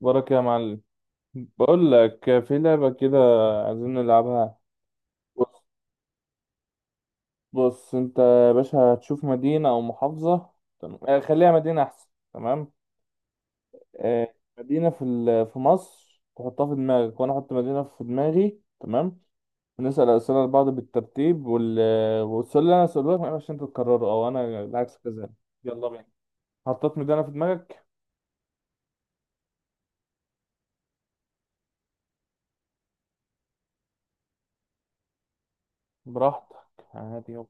بركة يا معلم. بقول لك في لعبة كده، عايزين نلعبها. بص، بص انت يا باشا هتشوف مدينة او محافظة. تمام، خليها مدينة احسن. تمام. مدينة في في مصر تحطها في دماغك وانا احط مدينة في دماغي. تمام. ونسأل اسئلة لبعض بالترتيب والسؤال اللي انا اسأله لك ما ينفعش انت تكرره او انا العكس كذلك. يلا بينا. حطيت مدينة في دماغك؟ براحتك، عادي، يلا.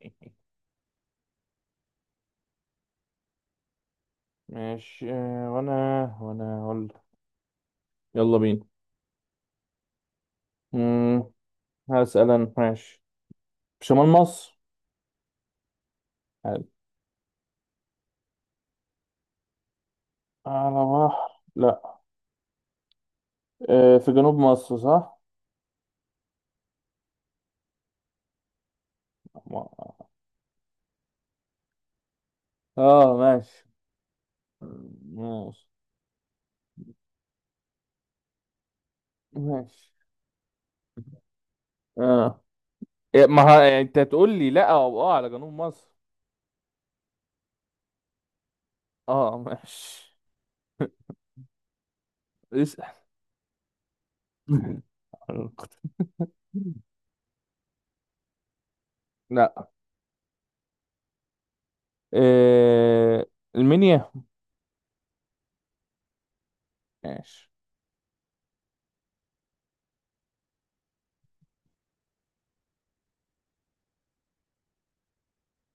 ماشي. وانا وانا هقول لك. يلا بينا. امم هسأل أنا، ماشي. في شمال مصر؟ حلو. على بحر؟ لا. في جنوب مصر، صح؟ اه، ماشي ماشي ماشي. اه إيه، ما ها يعني انت تقول لي لا او اه على جنوب مصر. اه ماشي. اسأل. لا. آه، المنيا؟ ماشي.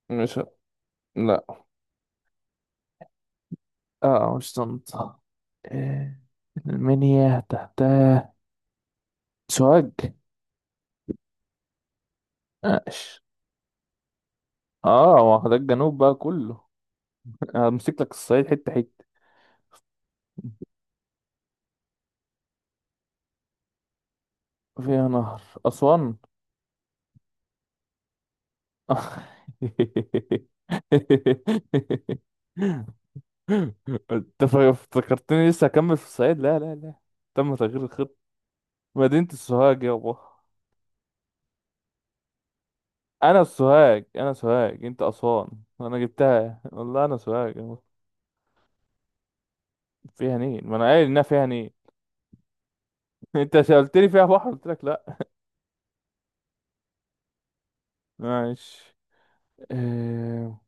مش، لا. اه مش طنطا. آه، المنيا تحتها، سوهاج. ماشي. اه ما هو ده الجنوب بقى كله. همسك لك الصعيد حتة حتة. فيها نهر، أسوان؟ انت افتكرتني لسه هكمل في الصعيد. لا لا لا، تم تغيير الخطة. مدينة السوهاج يابا. انا السوهاج، انا سوهاج. انت أسوان. انا جبتها والله، انا سوهاج يابا. فيها نيل، ما انا قايل انها فيها نيل. انت سألتني فيها بحر، قلت لك لا. ماشي. آه،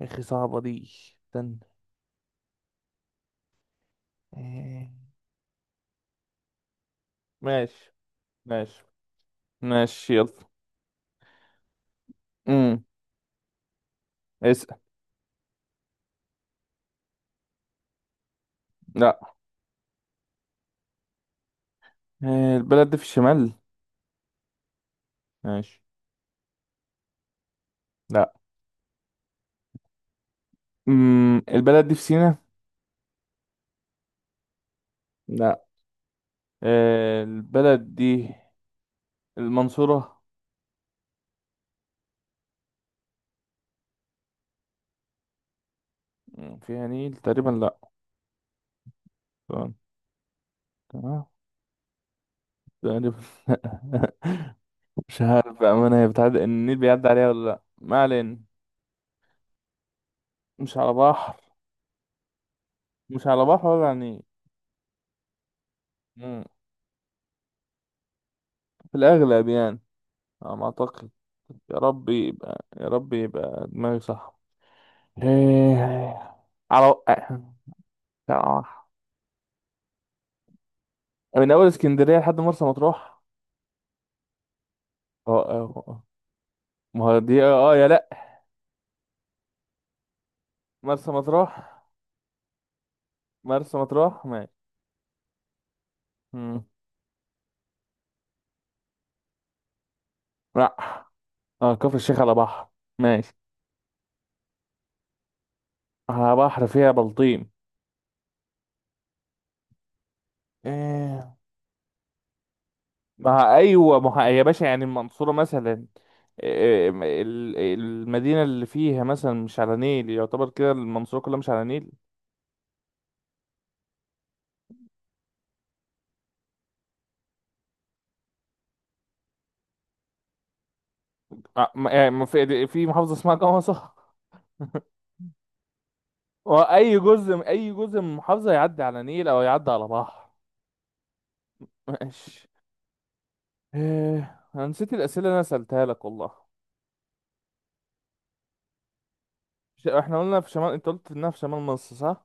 يا اخي صعبة دي، استنى. آه، ماشي. ماشي ماشي يلا. امم اسأل. لا. البلد دي في الشمال. ماشي. لا. البلد دي في سيناء؟ لا. البلد دي المنصورة؟ مم، فيها نيل تقريبا، لا. تمام. تمام. تقريبا. لا. مش عارف بأمانة، هي بتعدي النيل بيعدي عليها ولا لا، ما علينا. مش على بحر. مش على بحر ولا على نيل. مم. في الأغلب يعني، على ما أعتقد. يا رب يبقى، يا رب يبقى دماغي صح. إيه، على، آه، من اول اسكندريه لحد مرسى مطروح. اه اه آه. ما هو دي اه يا لا. مرسى مطروح. مرسى مطروح ماشي. مم. لا. اه كفر الشيخ على بحر. ماشي. على بحر، فيها بلطيم. إيه. ما ايوه ما ه- يا باشا يعني المنصوره مثلا، إيه، المدينه اللي فيها مثلا مش على نيل، يعتبر كده المنصوره كلها مش على نيل؟ يعني ما في في محافظه اسمها جمصة؟ واي جزء، اي جزء من المحافظه يعدي على نيل او يعدي على بحر. ماشي. إيه، انا نسيت الاسئله اللي انا سالتها لك والله. احنا قلنا في شمال، انت قلت انها في شمال مصر، صح؟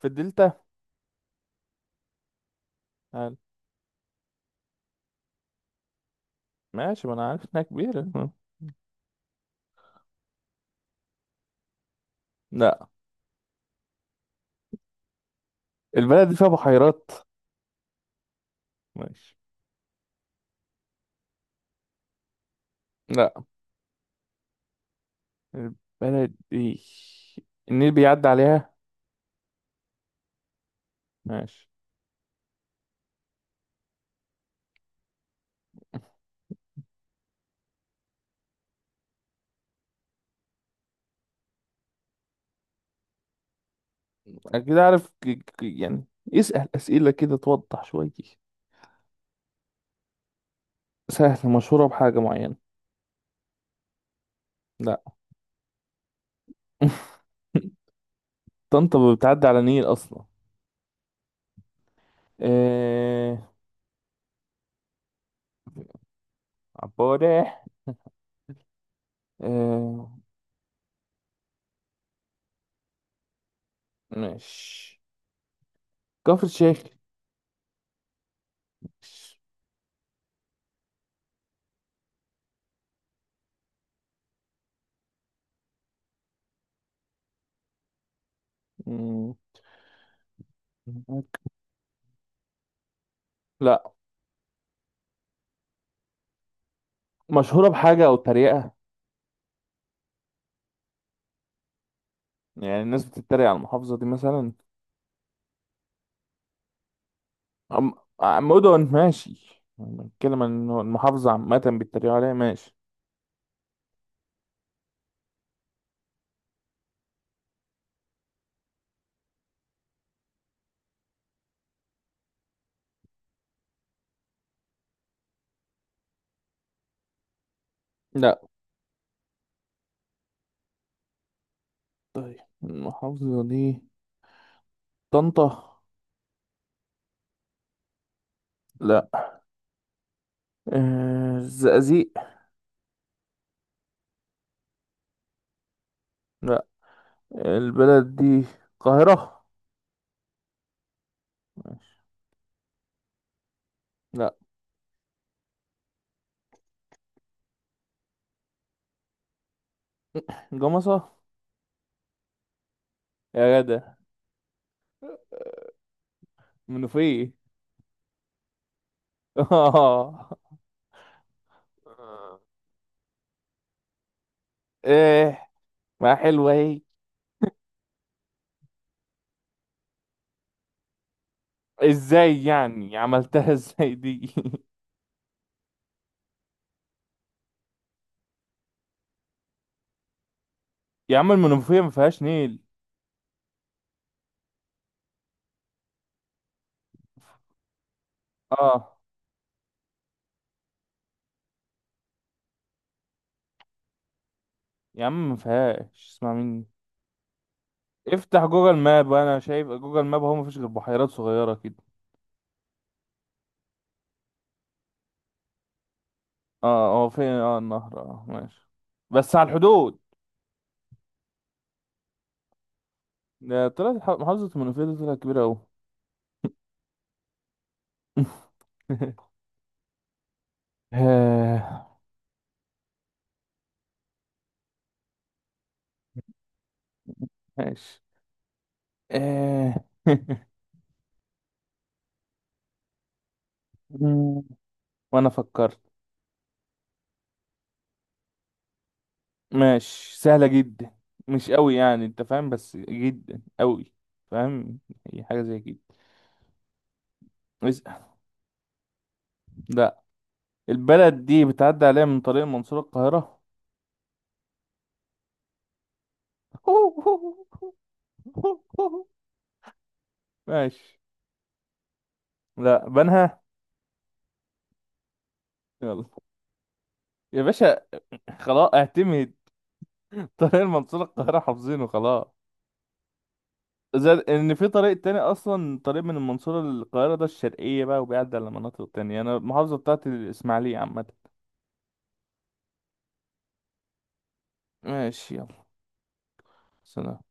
في الدلتا. قال، ماشي، ما انا عارف انها كبيره. لا. البلد دي فيها بحيرات؟ ماشي. لا. البلد دي النيل بيعدي عليها. ماشي. أنا كده عارف يعني اسأل اسئله كده توضح شويه. سهل؟ مشهوره بحاجه معينه؟ لا. طنطا بتعدي على نيل اصلا؟ آه. عبارة. آه ماشي. كفر الشيخ؟ مم. لا. مشهورة بحاجة أو تريقة؟ يعني الناس بتتريق على المحافظة دي مثلا. عم... عم مدن ماشي، بتكلم عن إنه المحافظة عامة بيتريقوا عليها. ماشي. لا، طيب المحافظة دي طنطا؟ لا. الزقازيق؟ لا. البلد دي القاهرة؟ ماشي. لا. جمصة. يا جدع. منوفية. ايه، ما حلوة اهي. ازاي يعني، عملتها ازاي دي؟ يا عم المنوفية ما فيهاش نيل. اه. يا عم ما فيهاش، اسمع مني. افتح جوجل ماب، انا شايف جوجل ماب هو ما فيش غير بحيرات صغيرة كده. اه اه، هو فين اه النهر، اه ماشي، بس على الحدود. ده طلعت محافظة المنوفية دي طلعت كبيرة اوي. آه، ماشي. آه. وانا افكر. ماشي، سهلة جدا، مش قوي يعني، انت فاهم، بس جدا قوي. فاهم، هي حاجة زي كده. اسأل. لا. البلد دي بتعدي عليها من طريق المنصورة القاهرة. ماشي. لا، بنها. يلا يا باشا، خلاص اعتمد. طريق المنصورة القاهرة حافظينه خلاص. زي ان في طريق تاني اصلا، طريق من المنصورة للقاهرة ده الشرقية بقى، وبيعدي على مناطق تانية. انا المحافظة بتاعتي الاسماعيلية عامة. ماشي يلا. سلام.